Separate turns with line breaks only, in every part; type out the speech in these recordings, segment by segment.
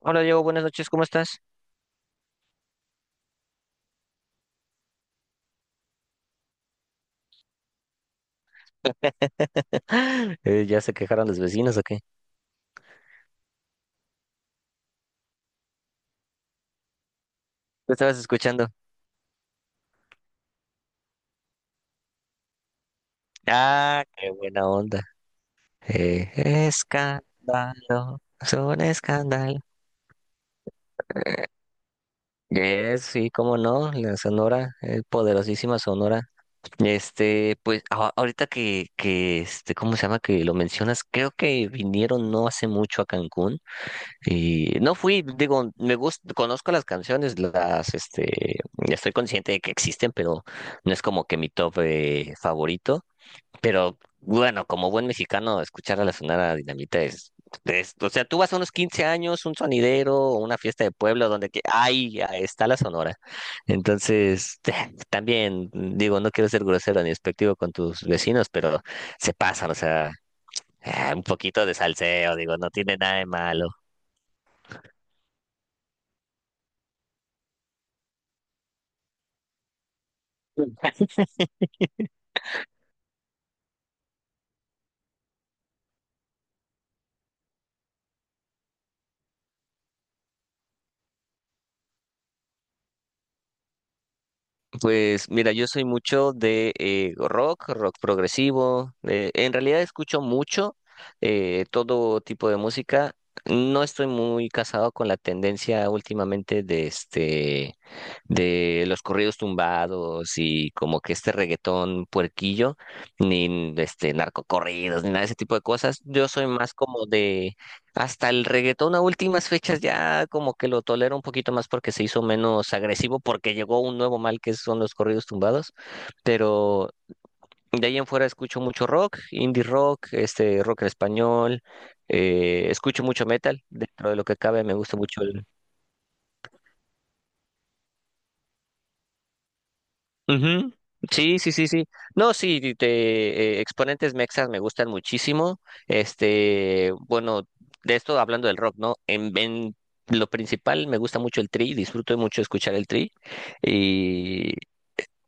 Hola Diego, buenas noches, ¿cómo estás? ¿Ya se quejaron los vecinos o qué? ¿Lo estabas escuchando? Ah, qué buena onda. Eh, Escándalo, es un escándalo. Sí, cómo no, la Sonora, poderosísima Sonora. Pues ahorita que ¿cómo se llama? Que lo mencionas, creo que vinieron no hace mucho a Cancún. Y no fui, digo, me gusta, conozco las canciones, estoy consciente de que existen, pero no es como que mi top favorito. Pero bueno, como buen mexicano, escuchar a la Sonora Dinamita es, o sea, tú vas a unos 15 años, un sonidero, o una fiesta de pueblo donde que, ay, ahí está la Sonora. Entonces, también, digo, no quiero ser grosero ni despectivo con tus vecinos, pero se pasan, o sea, un poquito de salseo, digo, no tiene nada de malo. Pues mira, yo soy mucho de rock, rock progresivo. En realidad escucho mucho todo tipo de música. No estoy muy casado con la tendencia últimamente de de los corridos tumbados y como que este reggaetón puerquillo, ni este narcocorridos, ni nada de ese tipo de cosas. Yo soy más como hasta el reggaetón a últimas fechas ya como que lo tolero un poquito más porque se hizo menos agresivo, porque llegó un nuevo mal que son los corridos tumbados, pero de ahí en fuera escucho mucho rock, indie rock, este rock en español, escucho mucho metal, dentro de lo que cabe me gusta mucho. Ujú. Sí, sí, sí, sí. No, sí, de exponentes mexas me gustan muchísimo. Este, bueno, de esto hablando del rock, ¿no? En lo principal me gusta mucho el Tri, disfruto mucho escuchar el Tri.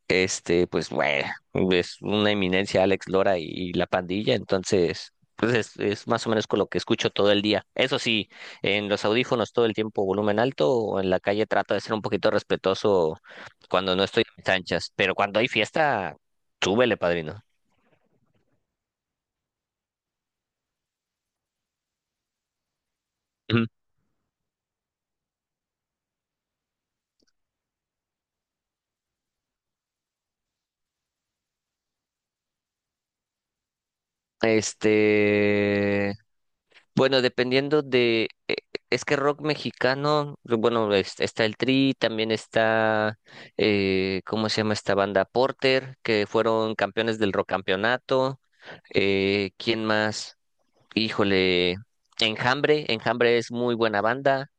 Este, pues bueno, es una eminencia Alex Lora y la pandilla, entonces, pues es más o menos con lo que escucho todo el día. Eso sí, en los audífonos todo el tiempo volumen alto, o en la calle trato de ser un poquito respetuoso cuando no estoy en mis anchas, pero cuando hay fiesta, súbele, padrino. Ujú. Este, bueno, dependiendo de, es que rock mexicano, bueno, está el Tri, también está, ¿cómo se llama esta banda? Porter, que fueron campeones del rock campeonato. ¿Quién más? Híjole, Enjambre, Enjambre es muy buena banda.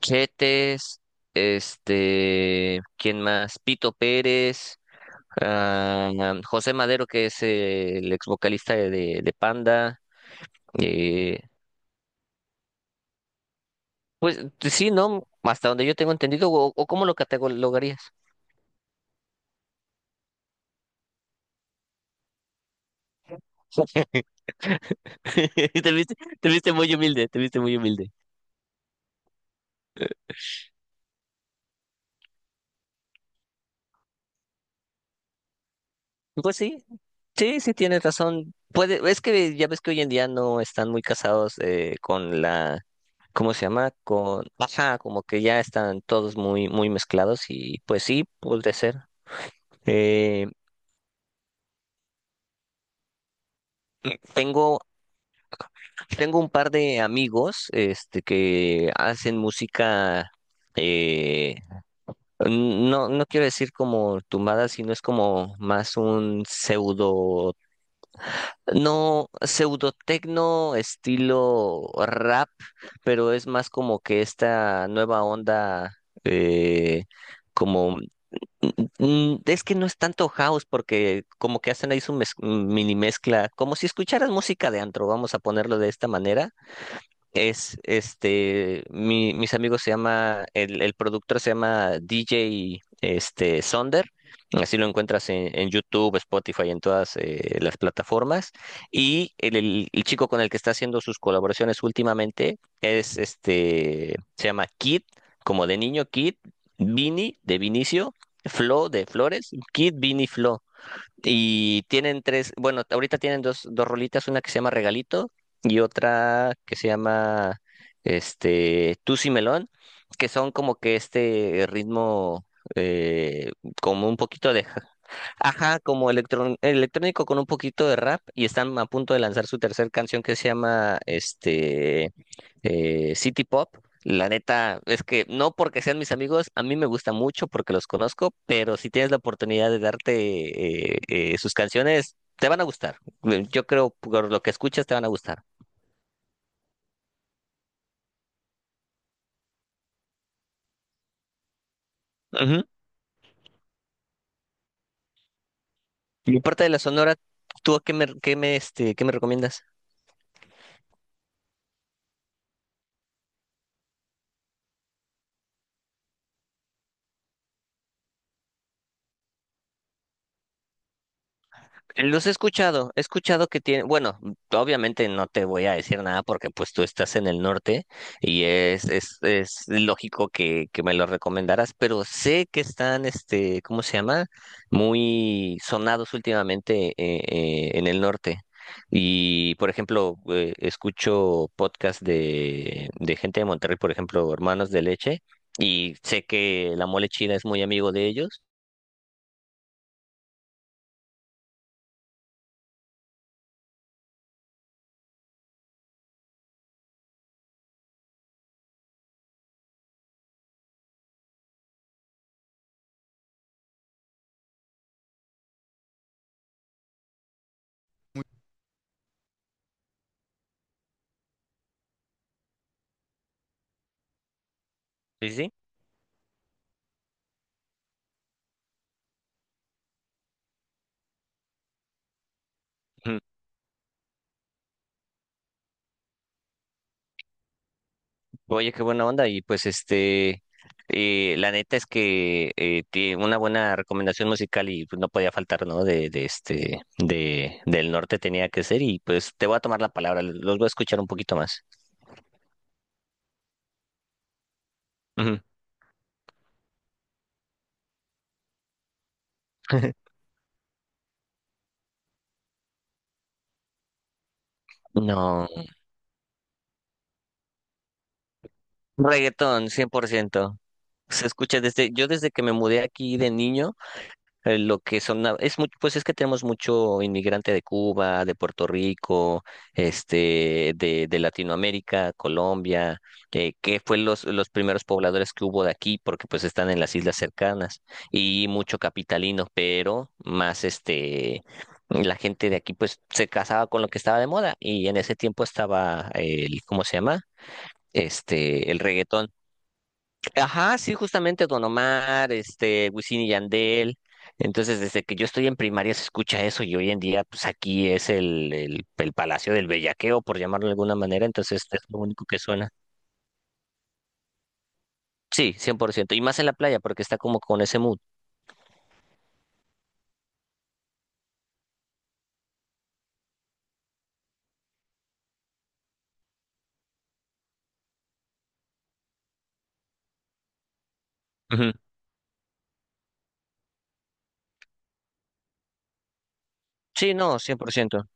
Chetes, este, ¿quién más? Pito Pérez, ah, José Madero, que es el ex vocalista de Panda. eh, Pues sí, ¿no? Hasta donde yo tengo entendido, o cómo lo catalogarías. Te viste, Te viste muy humilde, te viste muy humilde. Pues sí, sí, sí tienes razón. Puede, es que ya ves que hoy en día no están muy casados con la, ¿cómo se llama? Con, ajá, como que ya están todos muy, muy mezclados y pues sí, puede ser. Eh, tengo, tengo un par de amigos, este, que hacen música. eh, No, no quiero decir como tumbada, sino es como más un pseudo, no, pseudo tecno estilo rap, pero es más como que esta nueva onda, eh, como, es que no es tanto house, porque como que hacen ahí su mini mezcla, como si escucharas música de antro, vamos a ponerlo de esta manera. Mis amigos se llama, el productor se llama DJ este, Sonder. Así lo encuentras en YouTube, Spotify, en todas las plataformas. Y el chico con el que está haciendo sus colaboraciones últimamente es este, se llama Kid, como de niño, Kid, Vini de Vinicio, Flo de Flores, Kid, Vini, Flo. Y tienen tres, bueno, ahorita tienen dos, dos rolitas, una que se llama Regalito y otra que se llama este Tusi Melón, que son como que este ritmo eh, como un poquito de, ajá, como electrónico con un poquito de rap y están a punto de lanzar su tercer canción que se llama City Pop. La neta es que no porque sean mis amigos, a mí me gusta mucho porque los conozco, pero si tienes la oportunidad de darte sus canciones, te van a gustar. Yo creo por lo que escuchas te van a gustar. Ujú. Y aparte de la Sonora, ¿tú a qué me qué me recomiendas? Los he escuchado que tiene, bueno, obviamente no te voy a decir nada porque pues tú estás en el norte y es lógico que me lo recomendaras, pero sé que están, este, ¿cómo se llama? Muy sonados últimamente en el norte. Y, por ejemplo, escucho podcasts de gente de Monterrey, por ejemplo, Hermanos de Leche, y sé que la mole china es muy amigo de ellos. Sí, sí. Oye, qué buena onda. Y pues este, la neta es que tiene una buena recomendación musical y pues, no podía faltar, ¿no? Del norte tenía que ser y pues te voy a tomar la palabra, los voy a escuchar un poquito más. Ujú. No, reggaetón, 100%. Se escucha desde, yo desde que me mudé aquí de niño. Lo que son, es mucho, pues es que tenemos mucho inmigrante de Cuba, de Puerto Rico, este, de Latinoamérica, Colombia, que fue los primeros pobladores que hubo de aquí, porque pues están en las islas cercanas, y mucho capitalino, pero más este, la gente de aquí pues se casaba con lo que estaba de moda, y en ese tiempo estaba el, ¿cómo se llama? Este, el reggaetón. Ajá, sí, justamente Don Omar, este, Wisin y Yandel. Entonces, desde que yo estoy en primaria se escucha eso y hoy en día, pues aquí es el Palacio del Bellaqueo, por llamarlo de alguna manera. Entonces, es lo único que suena. Sí, 100%. Y más en la playa, porque está como con ese mood. Ujú. Sí, no, 100%.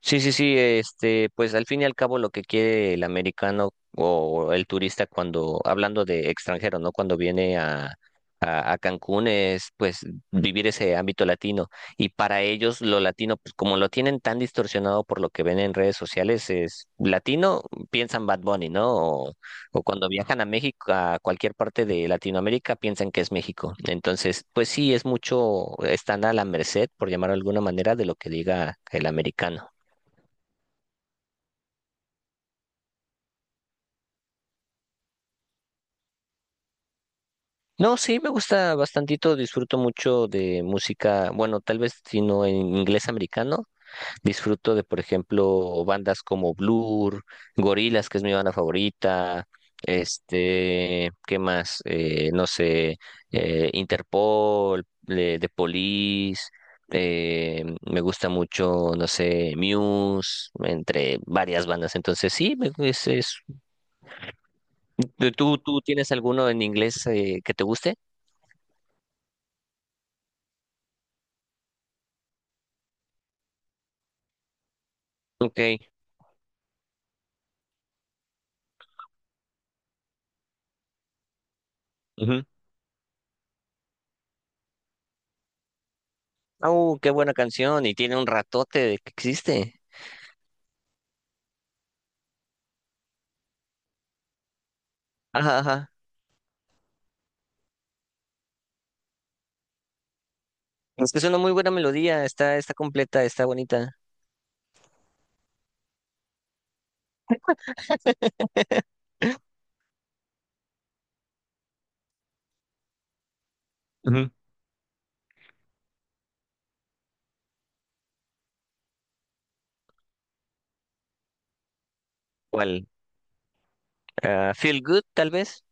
Sí, sí, sí, este, pues al fin y al cabo lo que quiere el americano o el turista cuando, hablando de extranjero, ¿no? Cuando viene a Cancún es pues vivir ese ámbito latino. Y para ellos lo latino, pues como lo tienen tan distorsionado por lo que ven en redes sociales, es latino, piensan Bad Bunny, ¿no? O cuando viajan a México, a cualquier parte de Latinoamérica, piensan que es México. Entonces, pues sí, es mucho, están a la merced, por llamarlo de alguna manera, de lo que diga el americano. No, sí, me gusta bastantito, disfruto mucho de música, bueno, tal vez si no en inglés americano, disfruto de, por ejemplo, bandas como Blur, Gorillaz, que es mi banda favorita, este, ¿qué más? No sé, Interpol, de The Police, eh, me gusta mucho, no sé, Muse, entre varias bandas, entonces sí, ¿tú tienes alguno en inglés que te guste? Ok. Qué buena canción y tiene un ratote de que existe. Ajá, ajá. Es que es una muy buena melodía, está completa, está bonita. Ujú. ¿Cuál? Ah, Feel Good, tal vez.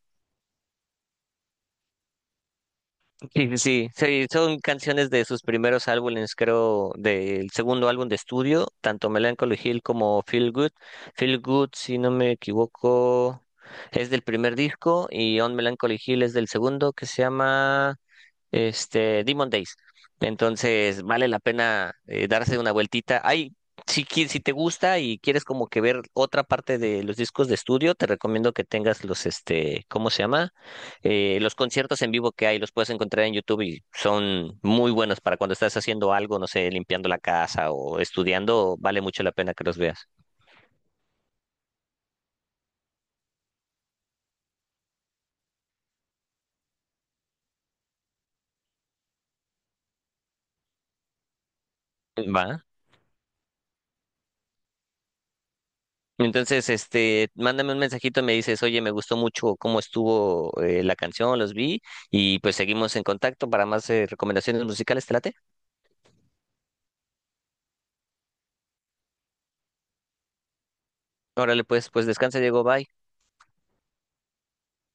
Sí, sí, sí, sí, son canciones de sus primeros álbumes, creo, del segundo álbum de estudio, tanto Melancholy Hill como Feel Good. Feel Good, si no me equivoco, es del primer disco y On Melancholy Hill es del segundo, que se llama este, Demon Days. Entonces, vale la pena darse una vueltita. Ay, si te gusta y quieres como que ver otra parte de los discos de estudio, te recomiendo que tengas los, este, ¿cómo se llama? Los conciertos en vivo que hay, los puedes encontrar en YouTube y son muy buenos para cuando estás haciendo algo, no sé, limpiando la casa o estudiando, vale mucho la pena que los veas. Va. Entonces, este, mándame un mensajito, me dices, oye, me gustó mucho cómo estuvo la canción, los vi, y pues seguimos en contacto para más recomendaciones musicales, ¿te late? Órale, pues, pues descansa, Diego, bye.